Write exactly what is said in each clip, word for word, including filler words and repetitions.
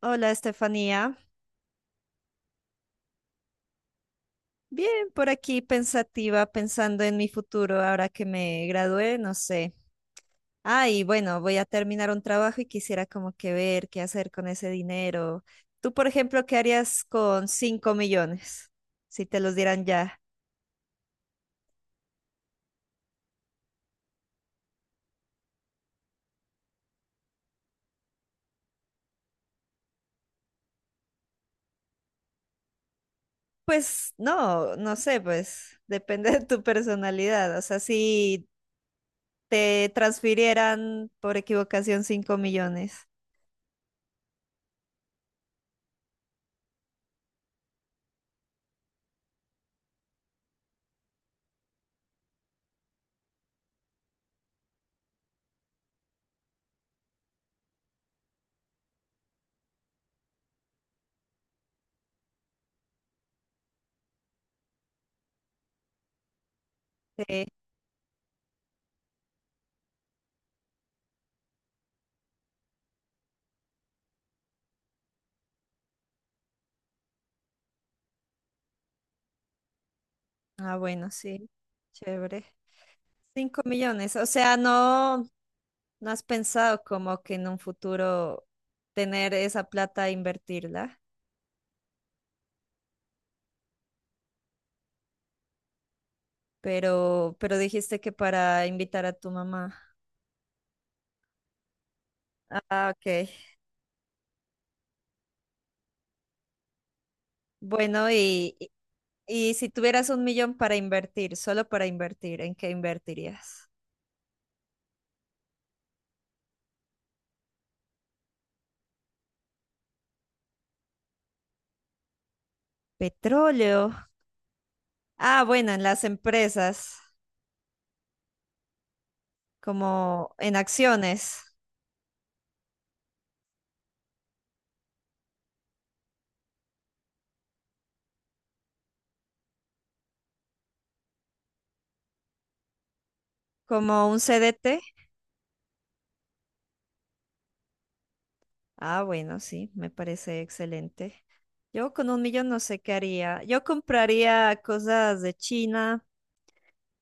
Hola, Estefanía. Bien, por aquí pensativa, pensando en mi futuro ahora que me gradué, no sé. Ah, y bueno, voy a terminar un trabajo y quisiera como que ver qué hacer con ese dinero. Tú, por ejemplo, ¿qué harías con cinco millones? Si te los dieran ya. Pues no, no sé, pues depende de tu personalidad. O sea, si te transfirieran por equivocación cinco millones. Sí. Ah, bueno, sí. Chévere. Cinco millones, o sea, no, no has pensado como que en un futuro tener esa plata e invertirla, pero, pero dijiste que para invitar a tu mamá. Ah, ok. Bueno, y, y y si tuvieras un millón para invertir, solo para invertir, ¿en qué invertirías? Petróleo. Ah, bueno, en las empresas, como en acciones, como un C D T. Ah, bueno, sí, me parece excelente. Yo con un millón no sé qué haría. Yo compraría cosas de China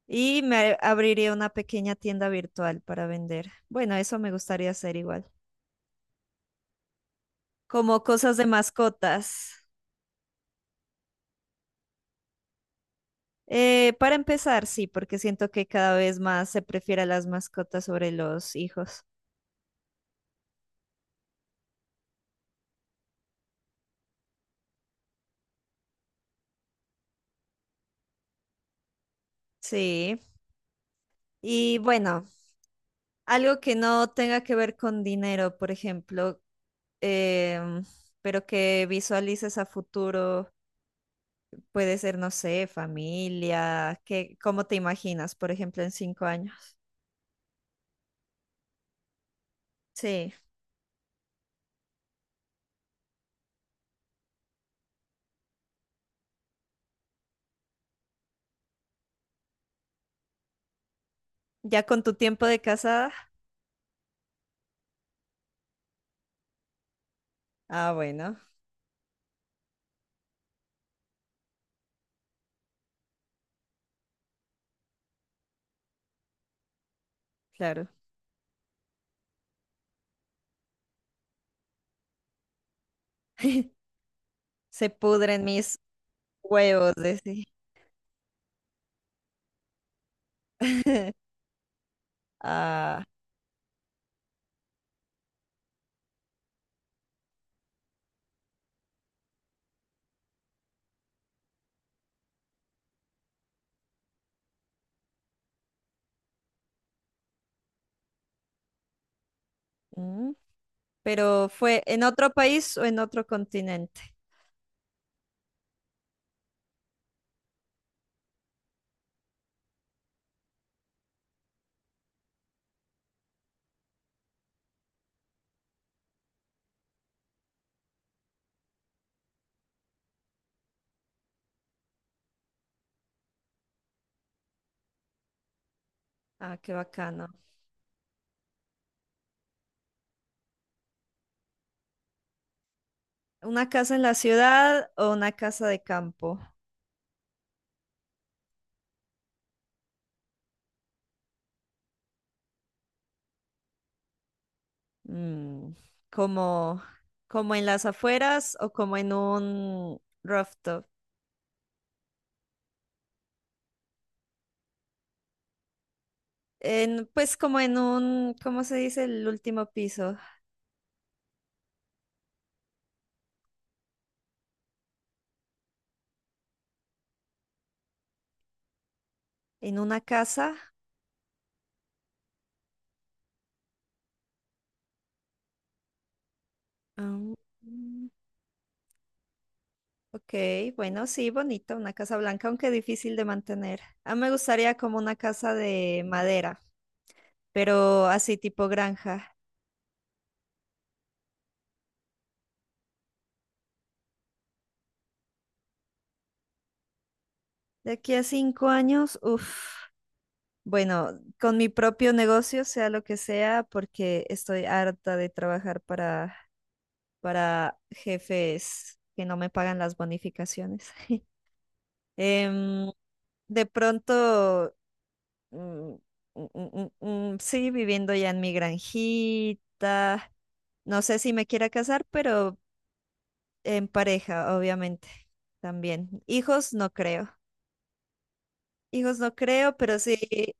y me abriría una pequeña tienda virtual para vender. Bueno, eso me gustaría hacer igual. Como cosas de mascotas. Eh, para empezar, sí, porque siento que cada vez más se prefiere a las mascotas sobre los hijos. Sí. Y bueno. Algo que no tenga que ver con dinero, por ejemplo, em, pero que visualices a futuro, puede ser, no sé, familia, qué, ¿cómo te imaginas, por ejemplo, en cinco años? Sí, ya con tu tiempo de casada. Ah, bueno, claro. Se pudren mis huevos, decía. Ah, mm, pero fue en otro país o en otro continente. Ah, qué bacano. ¿Una casa en la ciudad o una casa de campo? Mm, como, como en las afueras o como en un rooftop. En, pues como en un, ¿cómo se dice? El último piso. En una casa. Ah, mm, ok, bueno, sí, bonita, una casa blanca, aunque difícil de mantener. A mí me gustaría como una casa de madera, pero así tipo granja. De aquí a cinco años, uff. Bueno, con mi propio negocio, sea lo que sea, porque estoy harta de trabajar para para jefes que no me pagan las bonificaciones. Em, de pronto, mm, mm, mm, mm, mm, sí, viviendo ya en mi granjita. No sé si me quiera casar, pero en pareja, obviamente, también. Hijos no creo. Hijos no creo, pero sí,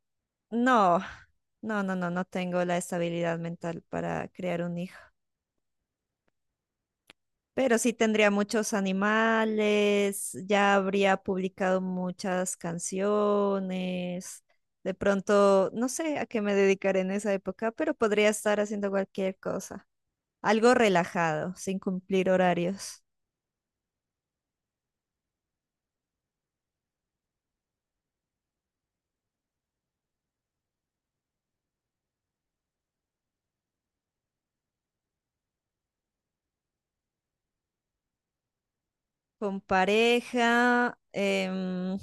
no, no, no, no, no tengo la estabilidad mental para crear un hijo. Pero sí tendría muchos animales, ya habría publicado muchas canciones. De pronto, no sé a qué me dedicaré en esa época, pero podría estar haciendo cualquier cosa. Algo relajado, sin cumplir horarios. Con pareja, em,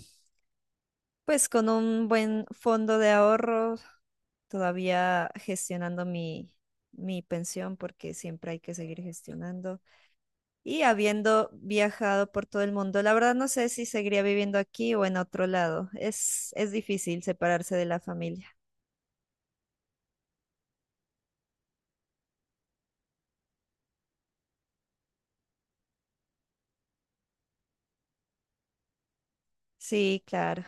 pues con un buen fondo de ahorro, todavía gestionando mi, mi pensión, porque siempre hay que seguir gestionando. Y habiendo viajado por todo el mundo, la verdad no sé si seguiría viviendo aquí o en otro lado. Es, es difícil separarse de la familia. Sí, claro.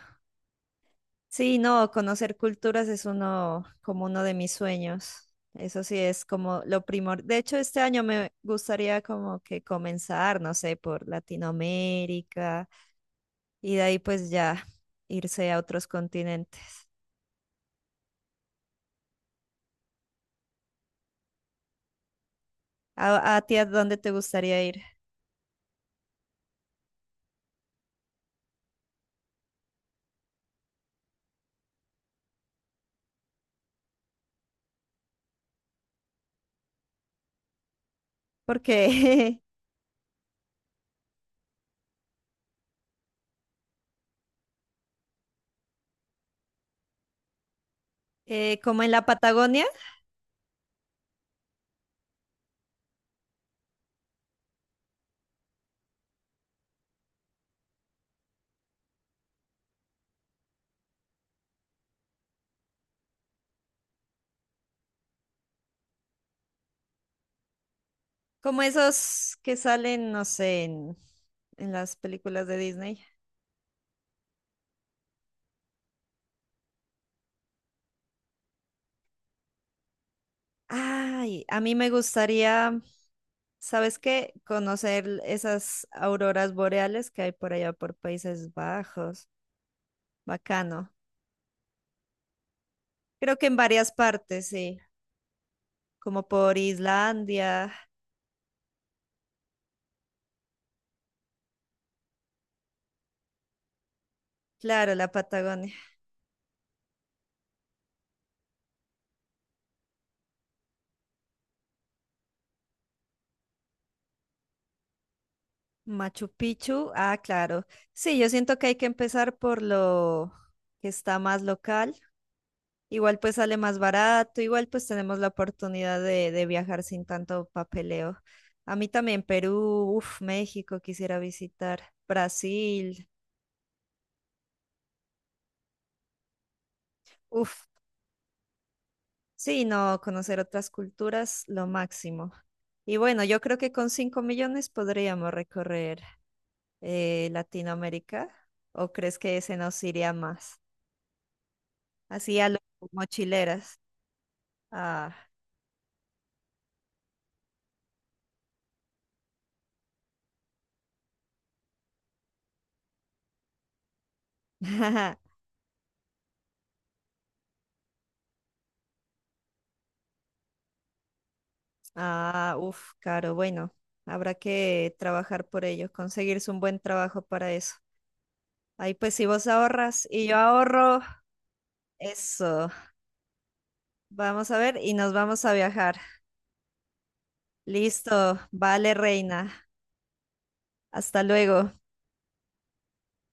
Sí, no, conocer culturas es uno como uno de mis sueños. Eso sí es como lo primor. De hecho, este año me gustaría como que comenzar, no sé, por Latinoamérica y de ahí pues ya irse a otros continentes. ¿A, a ti a dónde te gustaría ir? Porque eh, como en la Patagonia. Como esos que salen, no sé, en, en las películas de Disney. Ay, a mí me gustaría, ¿sabes qué? Conocer esas auroras boreales que hay por allá por Países Bajos. Bacano. Creo que en varias partes, sí. Como por Islandia, claro, la Patagonia. Machu Picchu, ah, claro. Sí, yo siento que hay que empezar por lo que está más local. Igual pues sale más barato, igual pues tenemos la oportunidad de, de viajar sin tanto papeleo. A mí también Perú, uff, México quisiera visitar, Brasil, uff, sí, no, conocer otras culturas, lo máximo. Y bueno, yo creo que con cinco millones podríamos recorrer eh, Latinoamérica, ¿o crees que ese nos iría más? Así a los mochileras. Ah. Ah, uff, caro. Bueno, habrá que trabajar por ello, conseguirse un buen trabajo para eso. Ahí pues si vos ahorras y yo ahorro, eso. Vamos a ver y nos vamos a viajar. Listo, vale, reina. Hasta luego.